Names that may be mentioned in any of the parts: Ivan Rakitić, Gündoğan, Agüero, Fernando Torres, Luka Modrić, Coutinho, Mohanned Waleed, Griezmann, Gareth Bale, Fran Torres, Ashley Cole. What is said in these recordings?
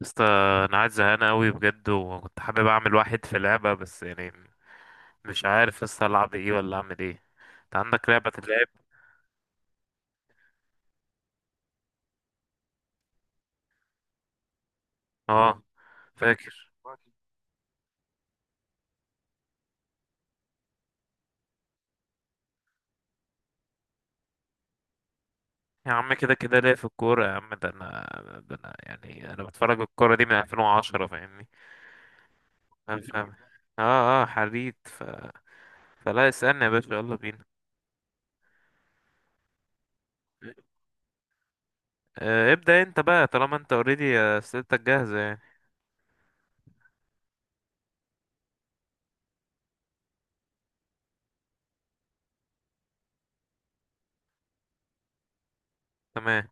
بس انا قاعد زهقان قوي بجد، وكنت حابب اعمل واحد في لعبة بس يعني مش عارف لسه العب ايه ولا اعمل ايه. انت عندك لعبة تلعب؟ اه، فاكر. يا عم كده كده ليه في الكورة يا عم، ده انا يعني انا بتفرج الكورة دي من 2010 فاهمني. فاهم فاهم. اه، اه، حريت فلا اسألني يا باشا، يلا بينا. آه، ابدأ انت بقى طالما انت اوريدي اسئلتك جاهزة يعني. تمام.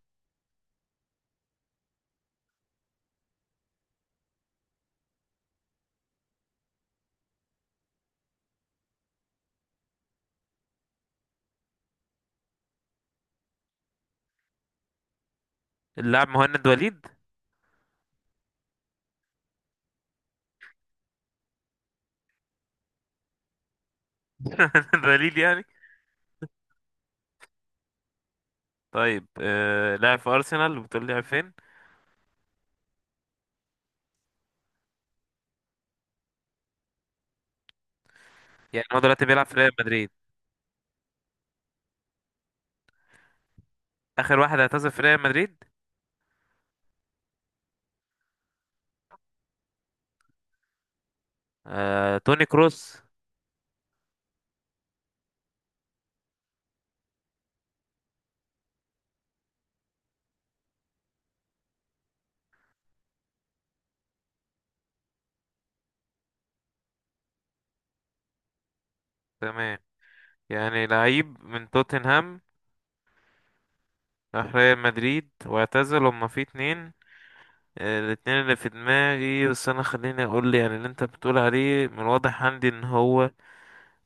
اللاعب مهند وليد. مهند وليد يعني. طيب، لاعب في ارسنال، وبتقول لي لعب فين؟ يعني هو دلوقتي بيلعب في ريال مدريد؟ اخر واحد اعتزل في ريال مدريد؟ توني كروس. تمام. يعني لعيب من توتنهام راح ريال مدريد واعتزل، هما في اتنين. الاتنين اللي في دماغي، بس انا خليني اقول لي يعني اللي انت بتقول عليه من الواضح عندي ان هو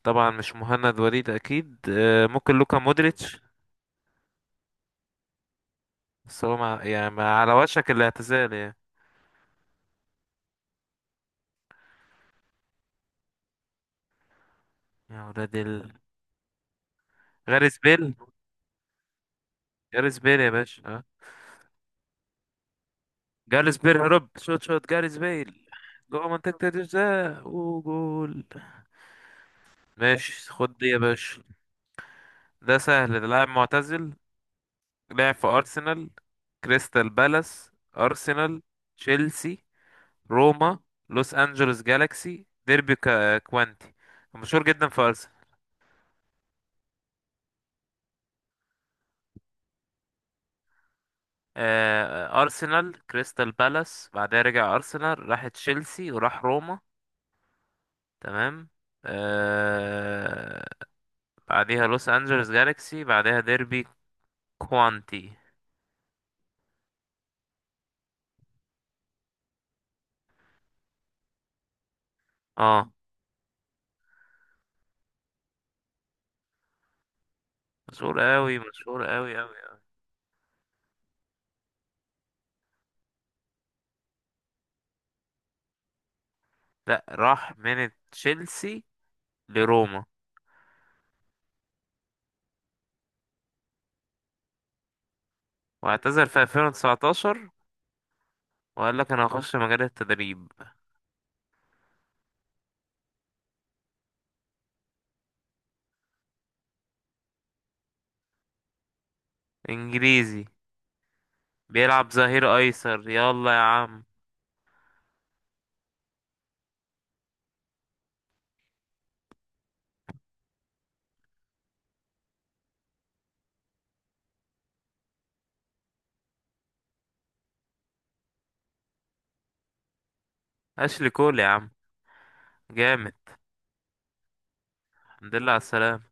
طبعا مش مهند وليد اكيد. ممكن لوكا مودريتش. بس هو مع على وشك الاعتزال يعني. يا ولاد غاريث بيل. غاريث بيل يا باشا، آه. جاريث بيل هرب، شوت شوت جاريث بيل جوه منطقة الجزاء، وجول! ماشي، خد دي يا باشا. ده سهل، ده لاعب معتزل. لعب في أرسنال، كريستال بالاس، أرسنال، تشيلسي، روما، لوس أنجلوس جالاكسي، ديربي كوانتي. مشهور جدا في أرسنال. أرسنال، كريستال بالاس، بعدها رجع أرسنال، راح تشيلسي، وراح روما. تمام. آه، بعديها لوس أنجلوس جالاكسي، بعدها ديربي كوانتي. اه، مشهور قوي، مشهور قوي قوي. لا، راح من تشيلسي لروما، واعتزل في 2019، وقال لك انا هخش مجال التدريب. انجليزي. بيلعب ظهير ايسر، يلا يا عم. اشلي كول يا عم، جامد. الحمد لله على السلامة.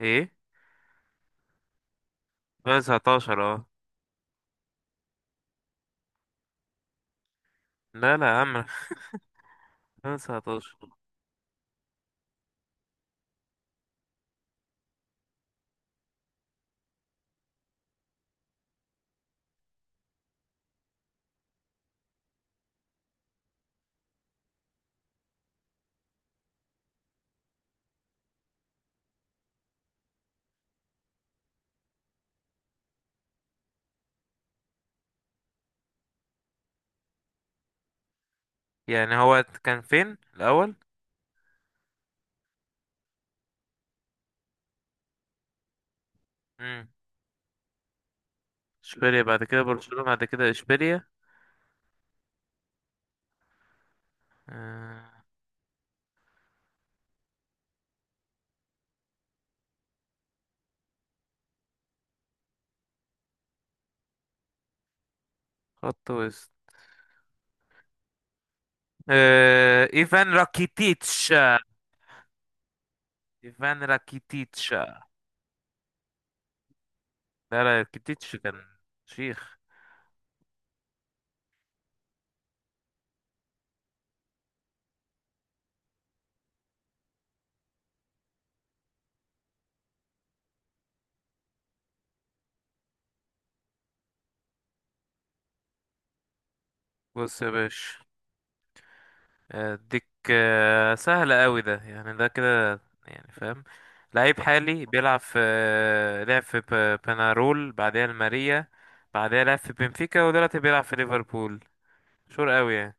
ايه؟ 2019، اه. لا لا يا عم، 2019. يعني هو كان فين الاول؟ امم. اشبيليا بعد كده برشلونة بعد كده اشبيليا. آه، خط وسط. ايفان راكيتيتش. ايفان راكيتيتش؟ لا. لا، راكيتيتش كان شيخ. بص يا باشا، اديك. سهلة قوي، ده يعني ده كده يعني فاهم. لعيب حالي بيلعب في لعب في بنارول، بعدها الماريا، بعدها لعب في بنفيكا، ودلوقتي بيلعب في ليفربول. شور قوي يعني.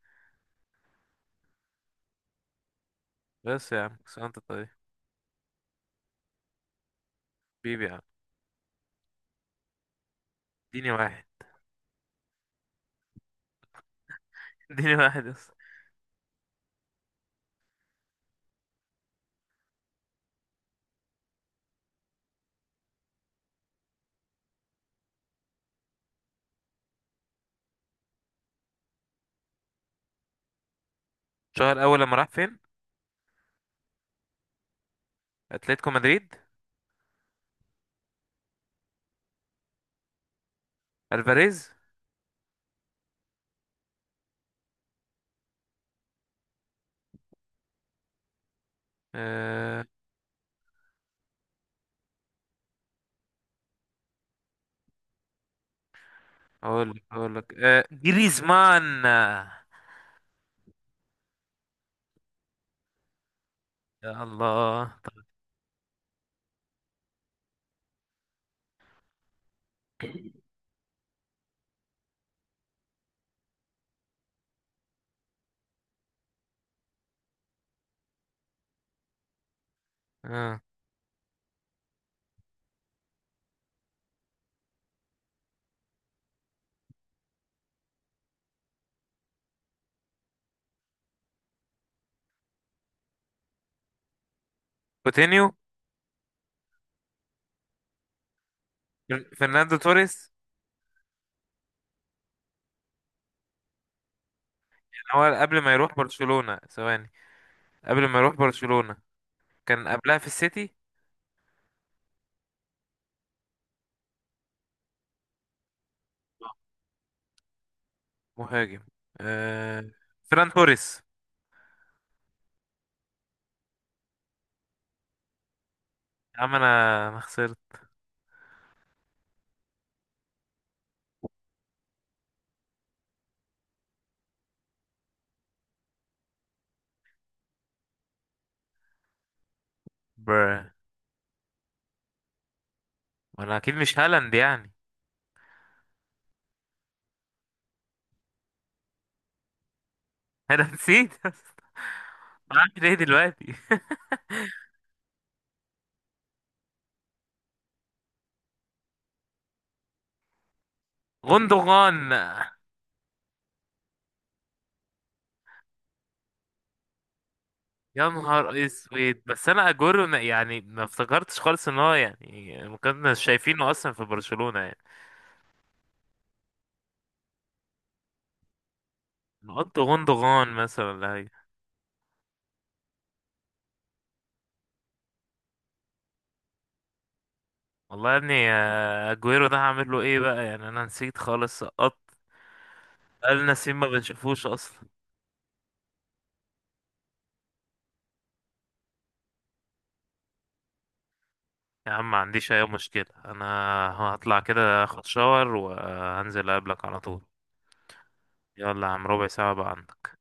بس يا عم، بس انت طيب. بيبي يا عم. اديني واحد. اديني واحد بس. شهر اول لما راح فين؟ اتلتيكو مدريد؟ الفاريز. آه، اقول لك جريزمان. يا الله، طب. آه. كوتينيو. فرناندو توريس. كان هو قبل ما يروح برشلونة، ثواني. قبل ما يروح برشلونة كان قبلها في السيتي. مهاجم. آه. فران توريس. يا عم انا ما خسرت. بر وانا اكيد مش هالاند يعني. انا نسيت. بعمل ايه دلوقتي؟ غوندوغان. يا نهار اسود، بس انا اجورو يعني ما افتكرتش خالص ان هو يعني ما كنا شايفينه اصلا في برشلونة يعني. نحط غوندوغان مثلا ولا حاجة؟ والله يا ابني، اجويرو ده هعمل له ايه بقى يعني، انا نسيت خالص، سقطت. قال نسيم ما بنشوفوش اصلا. يا عم، ما عنديش اي مشكلة انا. هطلع كده اخد شاور، وهنزل اقابلك على طول. يلا يا عم، ربع ساعة بقى عندك.